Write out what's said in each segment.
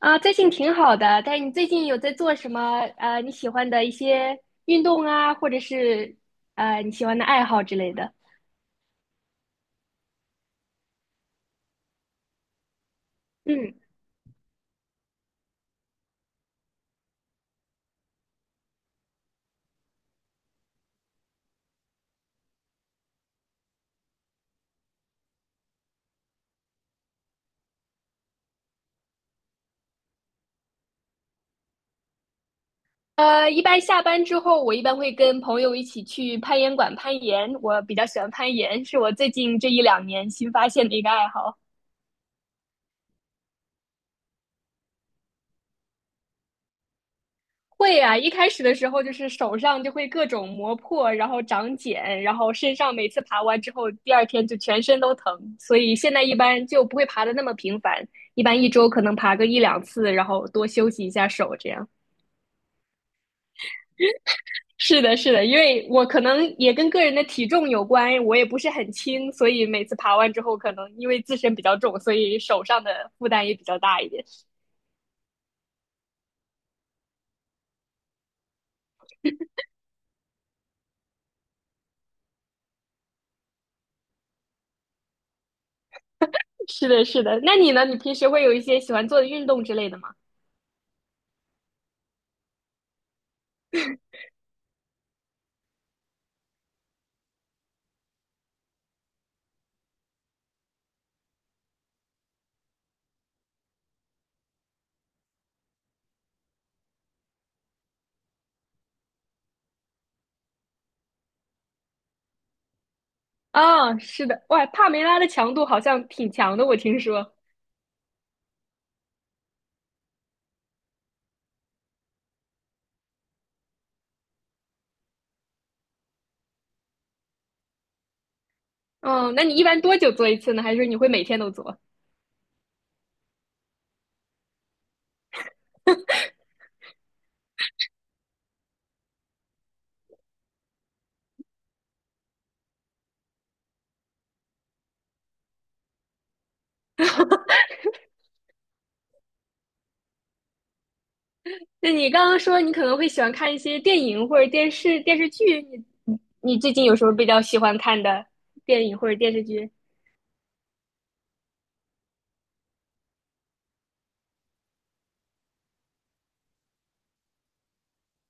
啊，最近挺好的，但是你最近有在做什么？你喜欢的一些运动啊，或者是你喜欢的爱好之类的。嗯。一般下班之后，我一般会跟朋友一起去攀岩馆攀岩。我比较喜欢攀岩，是我最近这一两年新发现的一个爱好。会呀啊，一开始的时候就是手上就会各种磨破，然后长茧，然后身上每次爬完之后，第二天就全身都疼，所以现在一般就不会爬的那么频繁，一般一周可能爬个一两次，然后多休息一下手这样。是的，是的，因为我可能也跟个人的体重有关，我也不是很轻，所以每次爬完之后，可能因为自身比较重，所以手上的负担也比较大一点。是的，是的。那你呢？你平时会有一些喜欢做的运动之类的吗？啊，是的，哇，帕梅拉的强度好像挺强的，我听说。嗯，那你一般多久做一次呢？还是你会每天都做？那你刚刚说你可能会喜欢看一些电影或者电视剧，你你最近有什么比较喜欢看的电影或者电视剧？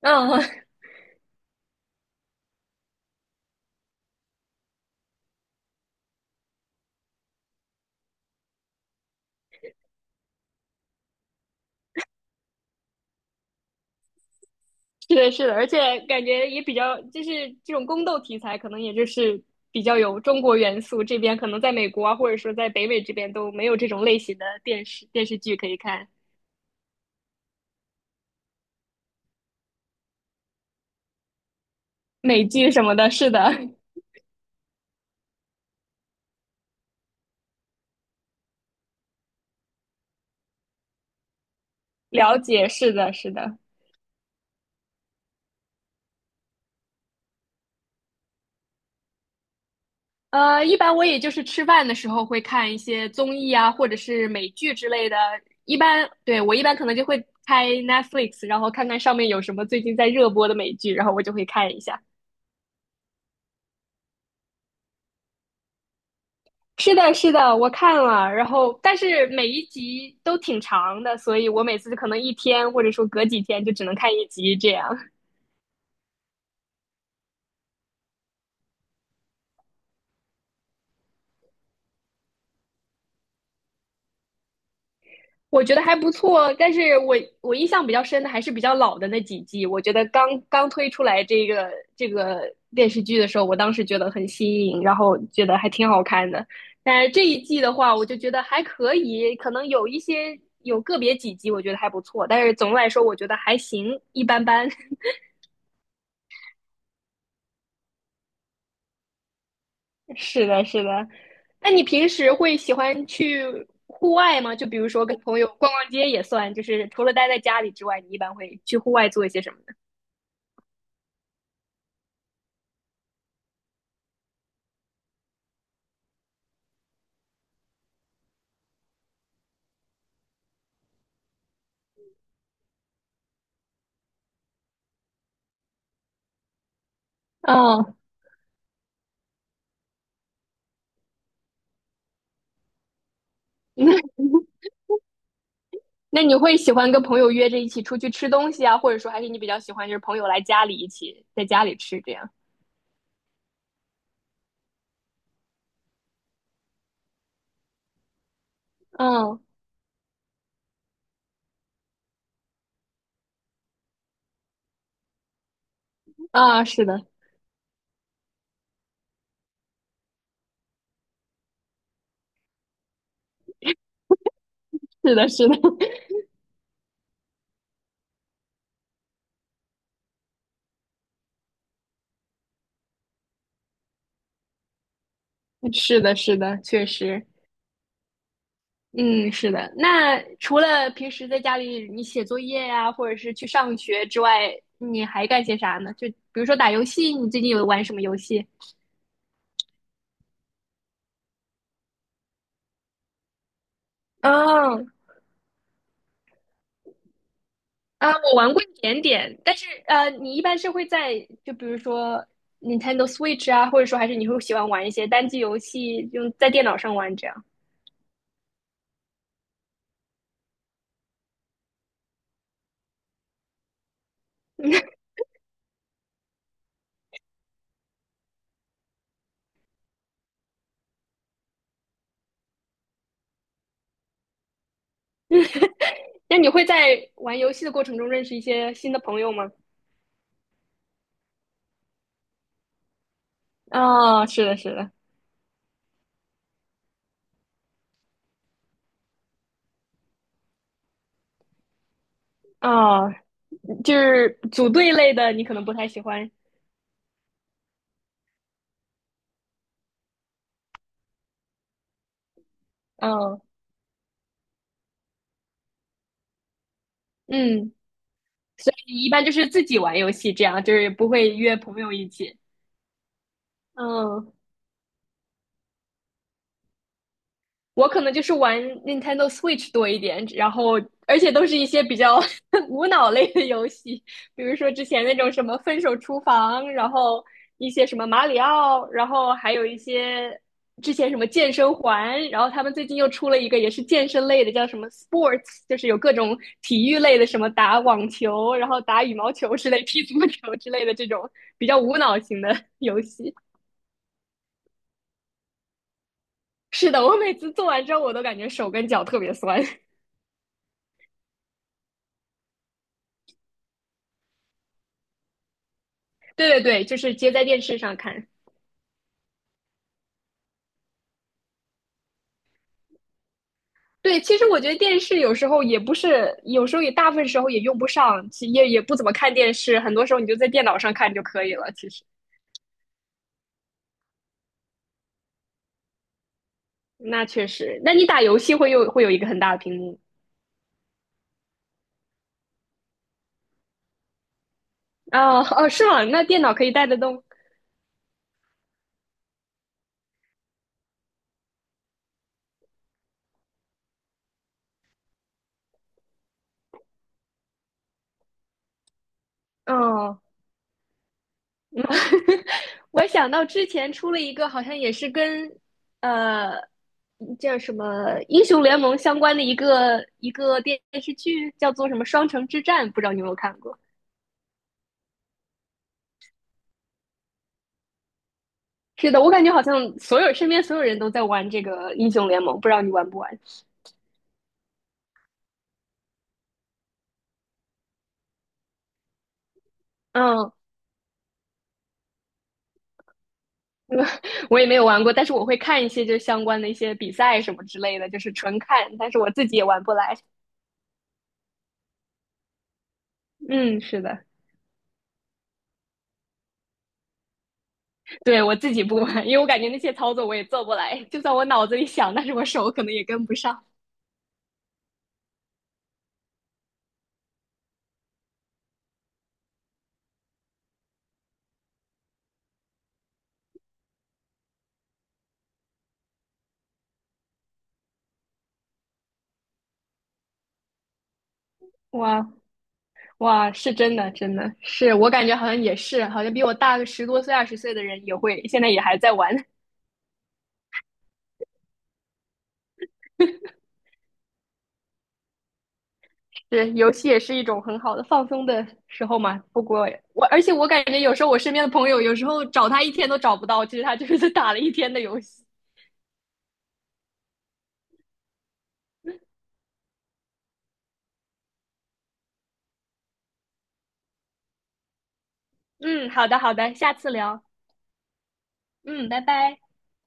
嗯。是的，是的，而且感觉也比较，就是这种宫斗题材，可能也就是比较有中国元素，这边可能在美国啊，或者说在北美这边都没有这种类型的电视剧可以看，美剧什么的，是的。了解，是的，是的。一般我也就是吃饭的时候会看一些综艺啊，或者是美剧之类的。一般，对，我一般可能就会开 Netflix，然后看看上面有什么最近在热播的美剧，然后我就会看一下。是的，是的，我看了，然后但是每一集都挺长的，所以我每次可能一天或者说隔几天就只能看一集这样。我觉得还不错，但是我印象比较深的还是比较老的那几季。我觉得刚刚推出来这个电视剧的时候，我当时觉得很新颖，然后觉得还挺好看的。但是这一季的话，我就觉得还可以，可能有一些有个别几集我觉得还不错，但是总的来说我觉得还行，一般般。是的，是的。那你平时会喜欢去户外吗？就比如说跟朋友逛逛街也算，就是除了待在家里之外，你一般会去户外做一些什么呢？嗯。那 那你会喜欢跟朋友约着一起出去吃东西啊，或者说还是你比较喜欢就是朋友来家里一起在家里吃这样？嗯。啊，是的，是的，是的。是的，是的，确实，嗯，是的。那除了平时在家里你写作业呀、或者是去上学之外，你还干些啥呢？就比如说打游戏，你最近有玩什么游戏？嗯。啊，我玩过一点点，但是你一般是会在就比如说 Nintendo Switch 啊，或者说还是你会喜欢玩一些单机游戏，用在电脑上玩这样。那你会在玩游戏的过程中认识一些新的朋友吗？啊，是的，是的，啊，就是组队类的，你可能不太喜欢。嗯。嗯，所以你一般就是自己玩游戏这样，就是不会约朋友一起。嗯，我可能就是玩 Nintendo Switch 多一点，然后而且都是一些比较 无脑类的游戏，比如说之前那种什么《分手厨房》，然后一些什么马里奥，然后还有一些之前什么健身环，然后他们最近又出了一个也是健身类的，叫什么 Sports，就是有各种体育类的，什么打网球，然后打羽毛球之类、踢足球之类的这种比较无脑型的游戏。是的，我每次做完之后，我都感觉手跟脚特别酸。对对对，就是接在电视上看。对，其实我觉得电视有时候也不是，有时候也大部分时候也用不上，其也也不怎么看电视，很多时候你就在电脑上看就可以了。其实，那确实，那你打游戏会有一个很大的屏幕。哦哦，是吗？那电脑可以带得动哦。嗯。 我想到之前出了一个，好像也是跟呃叫什么英雄联盟相关的一个电视剧，叫做什么《双城之战》，不知道你有没有看过？是的，我感觉好像所有身边所有人都在玩这个英雄联盟，不知道你玩不玩？嗯，我也没有玩过，但是我会看一些就是相关的一些比赛什么之类的，就是纯看，但是我自己也玩不来。嗯，是的，对，我自己不玩，因为我感觉那些操作我也做不来，就算我脑子里想，但是我手可能也跟不上。哇哇，是真的，真的是我感觉好像也是，好像比我大个10多岁、20岁的人也会，现在也还在玩。是，游戏也是一种很好的放松的时候嘛。不过我，而且我感觉有时候我身边的朋友，有时候找他一天都找不到，其实他就是打了一天的游戏。嗯，好的，好的，下次聊。嗯，拜拜。